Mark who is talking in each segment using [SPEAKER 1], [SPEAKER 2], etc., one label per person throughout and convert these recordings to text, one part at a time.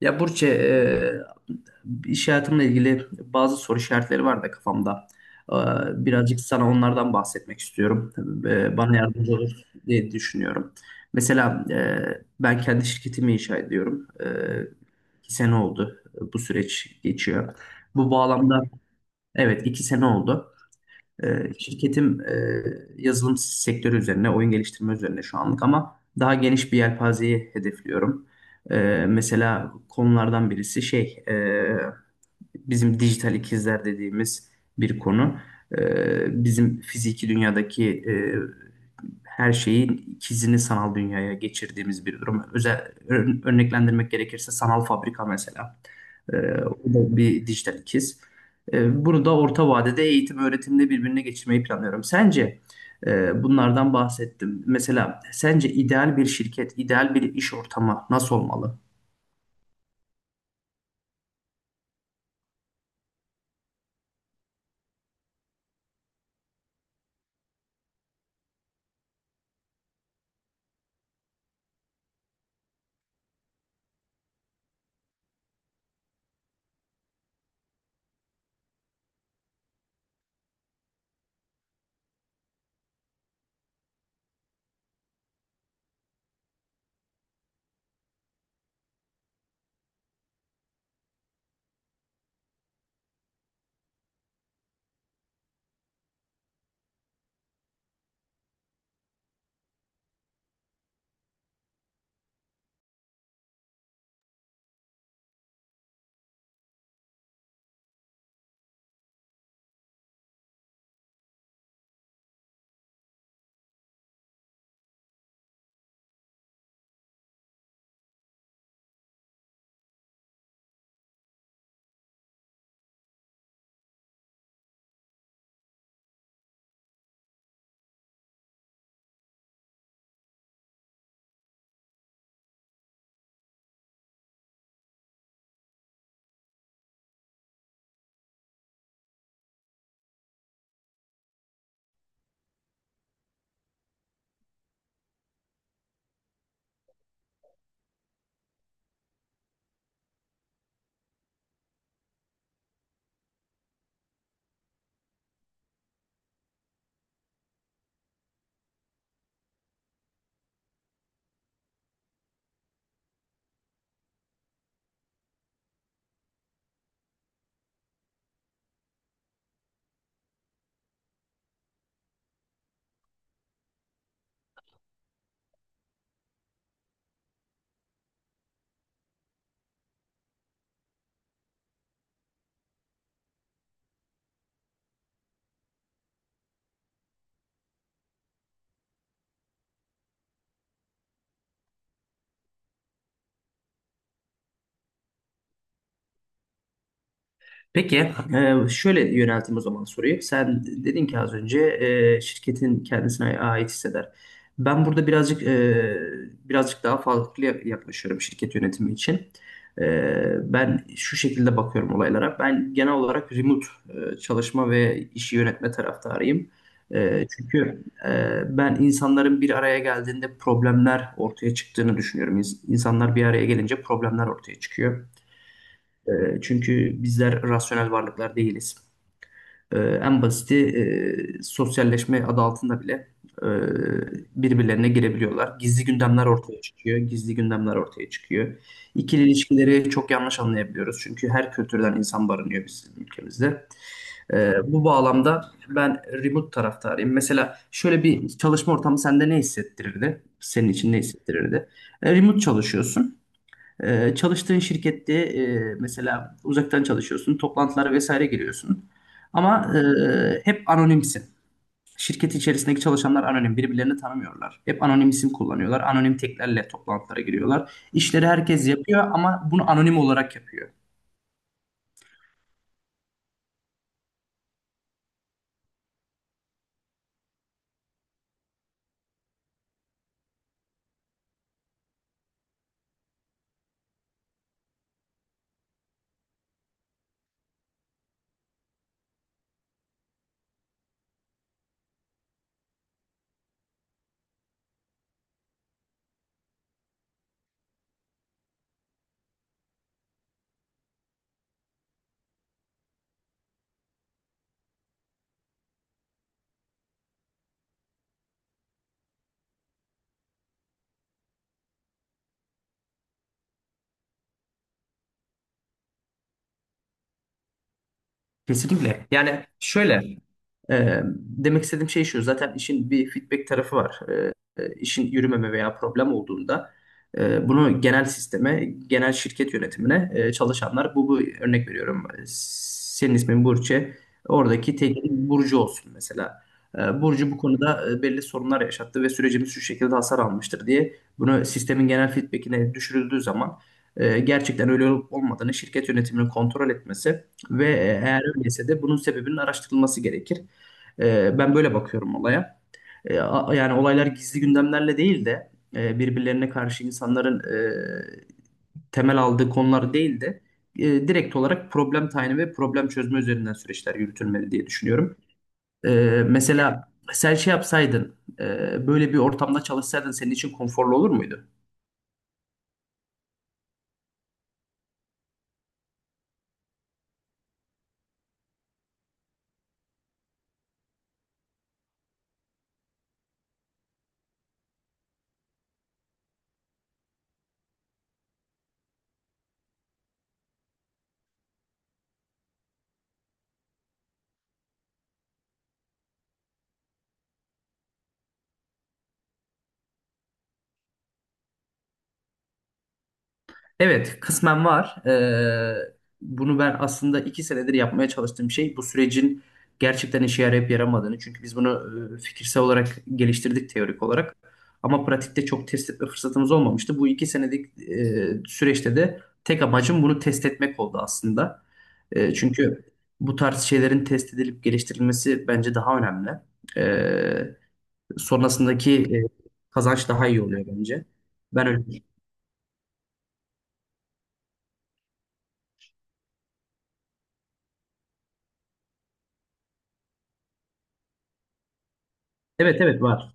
[SPEAKER 1] Ya Burçe, iş hayatımla ilgili bazı soru işaretleri var da kafamda. E, Birazcık sana onlardan bahsetmek istiyorum. Bana yardımcı olur diye düşünüyorum. Mesela ben kendi şirketimi inşa ediyorum. İki sene oldu bu süreç geçiyor. Bu bağlamda evet iki sene oldu. Şirketim yazılım sektörü üzerine, oyun geliştirme üzerine şu anlık ama daha geniş bir yelpazeyi hedefliyorum. Mesela konulardan birisi şey, bizim dijital ikizler dediğimiz bir konu. Bizim fiziki dünyadaki her şeyin ikizini sanal dünyaya geçirdiğimiz bir durum. Özel örneklendirmek gerekirse sanal fabrika mesela. Ee, O da bir dijital ikiz. Bunu da orta vadede eğitim öğretimde birbirine geçirmeyi planlıyorum. Sence bunlardan bahsettim. Mesela sence ideal bir şirket, ideal bir iş ortamı nasıl olmalı? Peki, şöyle yönelteyim o zaman soruyu. Sen dedin ki az önce şirketin kendisine ait hisseder. Ben burada birazcık birazcık daha farklı yaklaşıyorum şirket yönetimi için. E, Ben şu şekilde bakıyorum olaylara. Ben genel olarak remote çalışma ve işi yönetme taraftarıyım. Çünkü ben insanların bir araya geldiğinde problemler ortaya çıktığını düşünüyorum. İnsanlar bir araya gelince problemler ortaya çıkıyor. E, çünkü bizler rasyonel varlıklar değiliz. En basiti sosyalleşme adı altında bile e, birbirlerine girebiliyorlar. Gizli gündemler ortaya çıkıyor, gizli gündemler ortaya çıkıyor. İkili ilişkileri çok yanlış anlayabiliyoruz. Çünkü her kültürden insan barınıyor bizim ülkemizde. Bu bağlamda ben remote taraftarıyım. Mesela şöyle bir çalışma ortamı sende ne hissettirirdi? Senin için ne hissettirirdi? Remote çalışıyorsun. Çalıştığın şirkette mesela uzaktan çalışıyorsun, toplantılara vesaire giriyorsun. Ama hep anonimsin. Şirket içerisindeki çalışanlar anonim, birbirlerini tanımıyorlar. Hep anonim isim kullanıyorlar, anonim teklerle toplantılara giriyorlar. İşleri herkes yapıyor ama bunu anonim olarak yapıyor. Kesinlikle. Yani şöyle demek istediğim şey şu. Zaten işin bir feedback tarafı var. İşin yürümeme veya problem olduğunda bunu genel sisteme, genel şirket yönetimine çalışanlar bu örnek veriyorum. Senin ismin Burçe. Oradaki teklif Burcu olsun mesela. Burcu bu konuda belli sorunlar yaşattı ve sürecimiz şu şekilde hasar almıştır diye bunu sistemin genel feedbackine düşürüldüğü zaman gerçekten öyle olup olmadığını şirket yönetiminin kontrol etmesi ve eğer öyleyse de bunun sebebinin araştırılması gerekir. Ben böyle bakıyorum olaya. Yani olaylar gizli gündemlerle değil de birbirlerine karşı insanların temel aldığı konular değil de direkt olarak problem tayini ve problem çözme üzerinden süreçler yürütülmeli diye düşünüyorum. Mesela sen şey yapsaydın, böyle bir ortamda çalışsaydın senin için konforlu olur muydu? Evet, kısmen var. Bunu ben aslında iki senedir yapmaya çalıştığım şey bu sürecin gerçekten işe yarayıp yaramadığını. Çünkü biz bunu fikirsel olarak geliştirdik teorik olarak. Ama pratikte çok test etme fırsatımız olmamıştı. Bu iki senelik süreçte de tek amacım bunu test etmek oldu aslında. Çünkü bu tarz şeylerin test edilip geliştirilmesi bence daha önemli. E, Sonrasındaki kazanç daha iyi oluyor bence. Ben öyle. Evet evet var.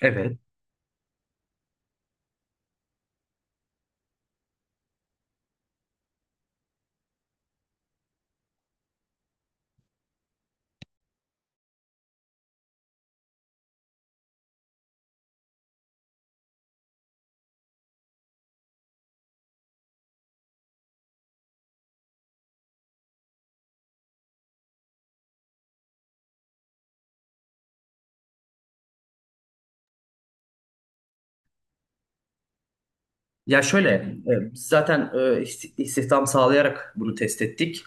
[SPEAKER 1] Evet. Ya şöyle, biz zaten istihdam sağlayarak bunu test ettik.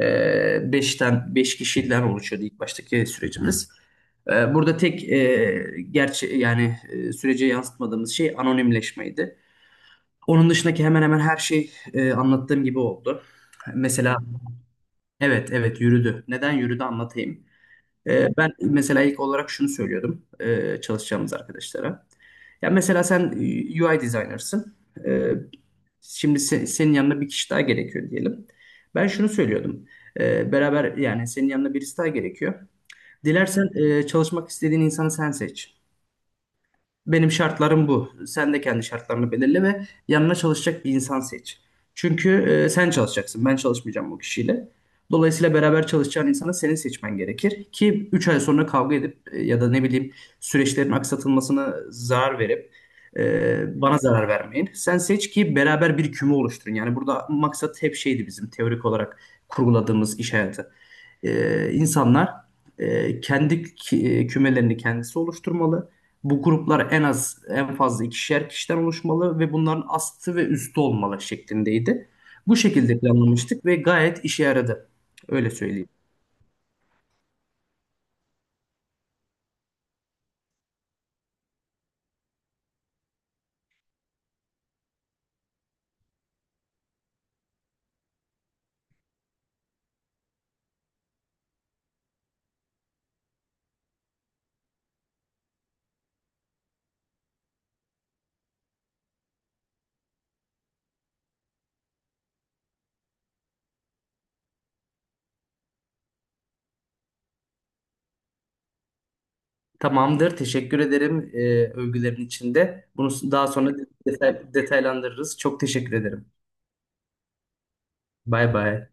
[SPEAKER 1] Beş kişiden oluşuyordu ilk baştaki sürecimiz. Burada gerçi yani sürece yansıtmadığımız şey anonimleşmeydi. Onun dışındaki hemen hemen her şey anlattığım gibi oldu. Mesela evet evet yürüdü. Neden yürüdü anlatayım. Ben mesela ilk olarak şunu söylüyordum çalışacağımız arkadaşlara. Ya mesela sen UI designer'sın. Ee, Şimdi senin yanına bir kişi daha gerekiyor diyelim. Ben şunu söylüyordum. Beraber yani senin yanına birisi daha gerekiyor. Dilersen çalışmak istediğin insanı sen seç. Benim şartlarım bu. Sen de kendi şartlarını belirle ve yanına çalışacak bir insan seç. Çünkü sen çalışacaksın. Ben çalışmayacağım bu kişiyle. Dolayısıyla beraber çalışacağın insanı senin seçmen gerekir ki 3 ay sonra kavga edip ya da ne bileyim süreçlerin aksatılmasına zarar verip bana zarar vermeyin. Sen seç ki beraber bir küme oluşturun. Yani burada maksat hep şeydi bizim teorik olarak kurguladığımız iş hayatı. İnsanlar kendi kümelerini kendisi oluşturmalı. Bu gruplar en az en fazla ikişer kişiden oluşmalı ve bunların astı ve üstü olmalı şeklindeydi. Bu şekilde planlamıştık ve gayet işe yaradı. Öyle söyleyeyim. Tamamdır. Teşekkür ederim övgülerin içinde. Bunu daha sonra detaylandırırız. Çok teşekkür ederim. Bay bay.